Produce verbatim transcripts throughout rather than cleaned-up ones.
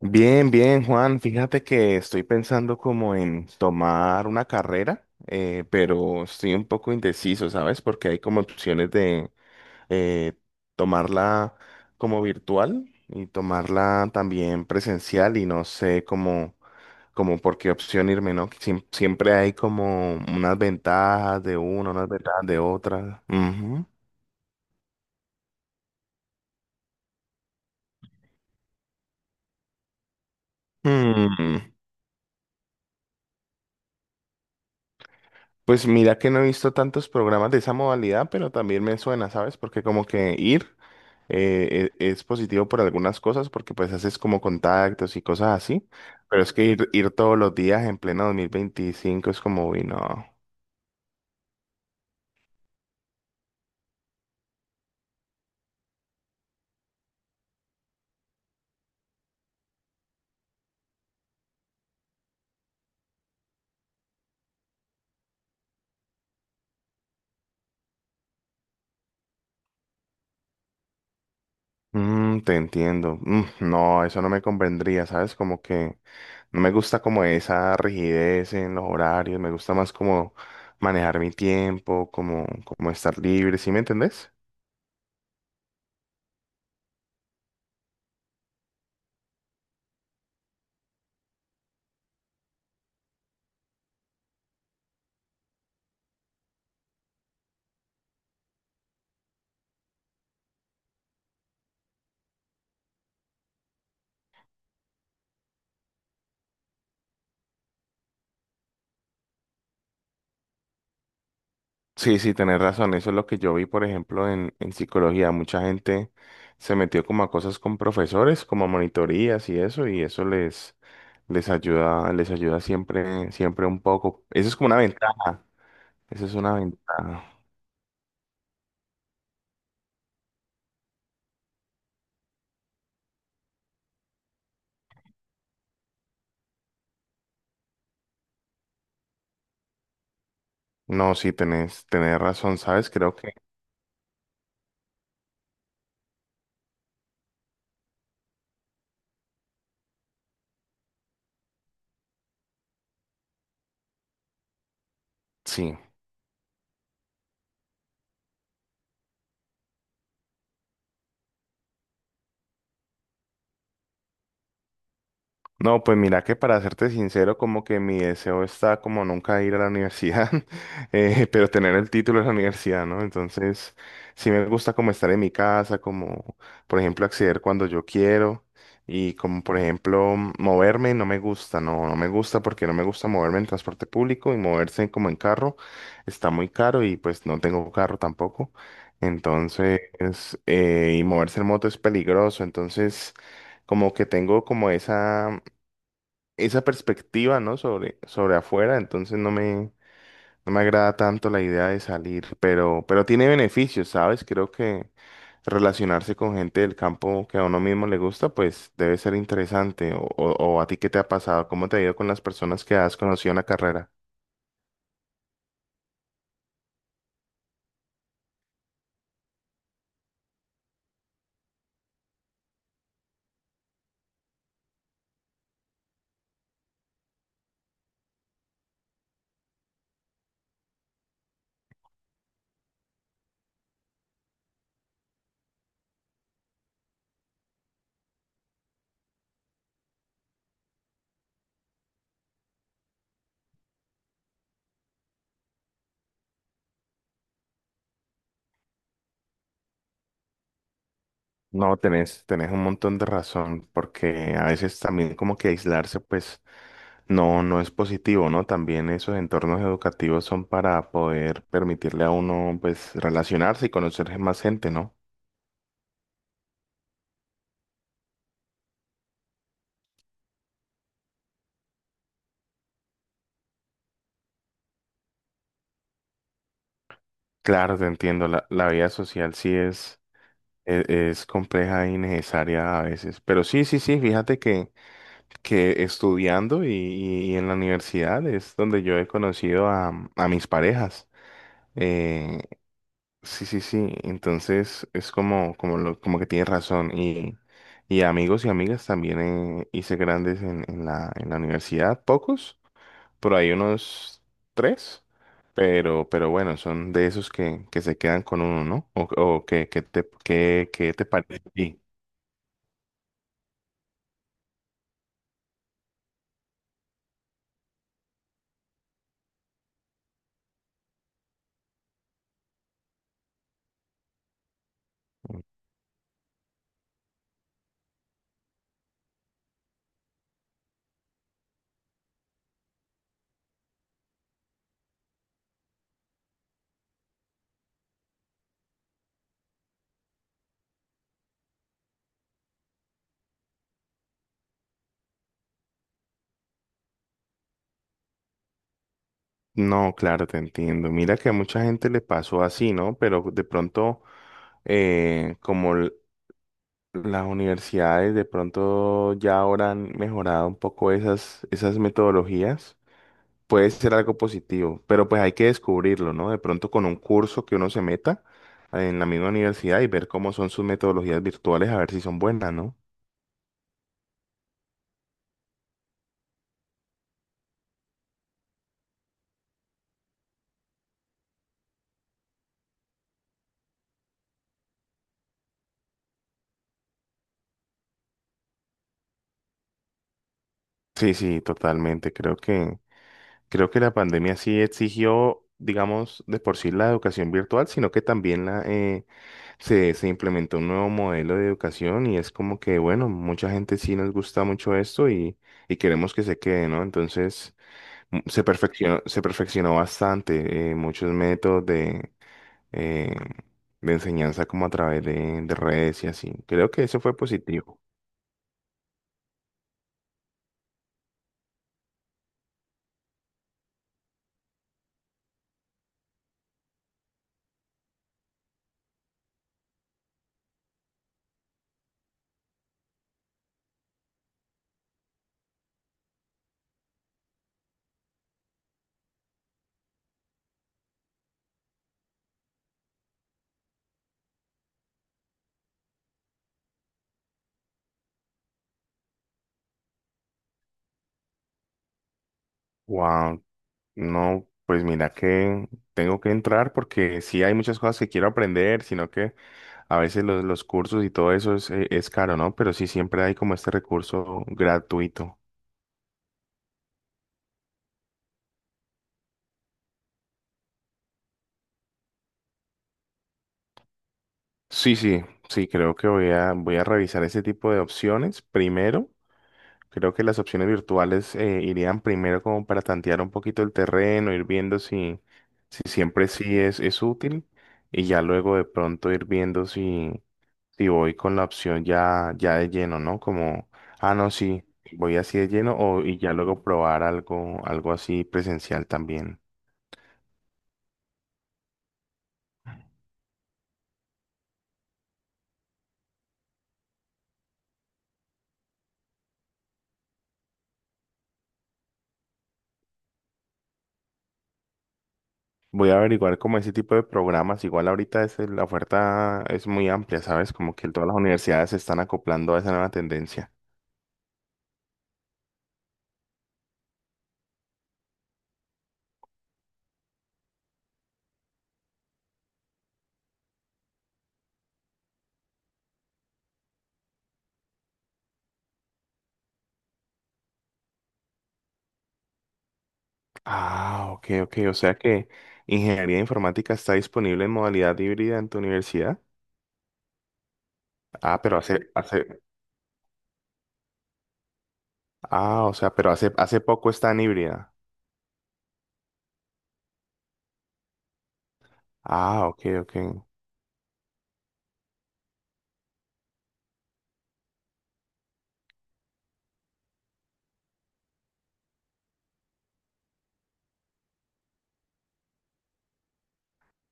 Bien, bien, Juan. Fíjate que estoy pensando como en tomar una carrera, eh, pero estoy un poco indeciso, ¿sabes? Porque hay como opciones de eh, tomarla como virtual y tomarla también presencial y no sé cómo, como por qué opción irme, ¿no? Siem- siempre hay como unas ventajas de una, unas ventajas de otra. Ujú. Hmm. Pues mira que no he visto tantos programas de esa modalidad, pero también me suena, ¿sabes? Porque como que ir eh, e- es positivo por algunas cosas, porque pues haces como contactos y cosas así, pero es que ir, ir todos los días en pleno dos mil veinticinco es como, uy, no. Mm, te entiendo. Mm, no, eso no me convendría, ¿sabes? Como que no me gusta como esa rigidez en los horarios, me gusta más como manejar mi tiempo, como, como estar libre, ¿sí me entendés? Sí, sí, tenés razón. Eso es lo que yo vi, por ejemplo, en, en psicología. Mucha gente se metió como a cosas con profesores, como a monitorías y eso, y eso les, les ayuda, les ayuda siempre, siempre un poco. Eso es como una ventaja. Esa es una ventaja. No, sí, tenés, tenés razón, ¿sabes? Creo que sí. No, pues mira que para serte sincero, como que mi deseo está como nunca ir a la universidad, eh, pero tener el título de la universidad, ¿no? Entonces, sí me gusta como estar en mi casa, como por ejemplo acceder cuando yo quiero y como por ejemplo moverme, no me gusta, no, no me gusta porque no me gusta moverme en transporte público y moverse como en carro está muy caro y pues no tengo carro tampoco. Entonces, eh, y moverse en moto es peligroso, entonces como que tengo como esa esa perspectiva, ¿no? Sobre, sobre afuera, entonces no me, no me agrada tanto la idea de salir, pero, pero tiene beneficios, ¿sabes? Creo que relacionarse con gente del campo que a uno mismo le gusta, pues debe ser interesante. O, o, o a ti, ¿qué te ha pasado? ¿Cómo te ha ido con las personas que has conocido en la carrera? No, tenés, tenés un montón de razón, porque a veces también como que aislarse, pues no, no es positivo, ¿no? También esos entornos educativos son para poder permitirle a uno, pues, relacionarse y conocer más gente, ¿no? Claro, te entiendo, la, la vida social sí es, e- es, compleja y necesaria a veces, pero sí, sí, sí, fíjate que, que estudiando y, y- y en la universidad es donde yo he conocido a, a mis parejas. eh, Sí, sí, sí. Entonces es como, como, lo, como que tienes razón. Y, y amigos y amigas también eh, hice grandes en, en la, en la universidad. Pocos, pero hay unos tres. Pero, pero bueno, son de esos que, que se quedan con uno, ¿no? O, o que, que te, que, que te parece a ti. No, claro, te entiendo. Mira que a mucha gente le pasó así, ¿no? Pero de pronto, eh, como l- las universidades de pronto ya ahora han mejorado un poco esas, esas metodologías. Puede ser algo positivo, pero pues hay que descubrirlo, ¿no? De pronto con un curso que uno se meta en la misma universidad y ver cómo son sus metodologías virtuales, a ver si son buenas, ¿no? Sí, sí, totalmente. Creo que, creo que la pandemia sí exigió, digamos, de por sí la educación virtual, sino que también la, eh, se, se implementó un nuevo modelo de educación y es como que, bueno, mucha gente sí nos gusta mucho esto y, y queremos que se quede, ¿no? Entonces, m- se perfeccionó, se perfeccionó bastante, eh, muchos métodos de, eh, de enseñanza como a través de, de redes y así. Creo que eso fue positivo. Wow, no, pues mira que tengo que entrar porque sí hay muchas cosas que quiero aprender, sino que a veces los, los cursos y todo eso es, eh, es caro, ¿no? Pero sí siempre hay como este recurso gratuito. Sí, sí, sí, creo que voy a, voy a revisar ese tipo de opciones. Primero, creo que las opciones virtuales eh, irían primero como para tantear un poquito el terreno, ir viendo si, si siempre sí es, es útil y ya luego de pronto ir viendo si, si voy con la opción ya, ya de lleno, ¿no? Como, ah, no, sí, voy así de lleno o, y ya luego probar algo, algo así presencial también. Voy a averiguar como ese tipo de programas. Igual ahorita es, el- la oferta es muy amplia, ¿sabes? Como que todas las universidades se están acoplando a esa nueva tendencia. Ah, ok, ok. O sea que ingeniería informática está disponible en modalidad híbrida en tu universidad. Ah, pero hace, hace, ah, o sea, pero hace, hace poco está en híbrida. Ah, ok, ok.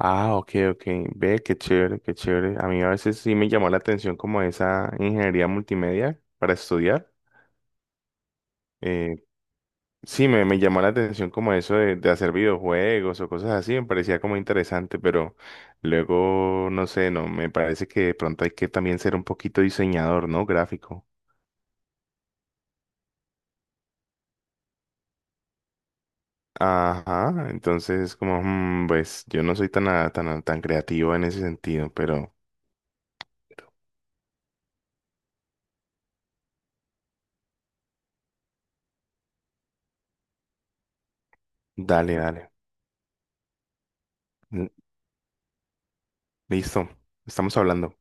Ah, ok, ok. Ve, qué chévere, qué chévere. A mí a veces sí me llamó la atención como esa ingeniería multimedia para estudiar. Eh, Sí, me, me llamó la atención como eso de, de hacer videojuegos o cosas así, me parecía como interesante, pero luego, no sé, no, me parece que de pronto hay que también ser un poquito diseñador, ¿no? Gráfico. Ajá, entonces como, mm, pues yo no soy tan, a- tan, a- tan creativo en ese sentido, pero dale, dale. Mm, listo, estamos hablando.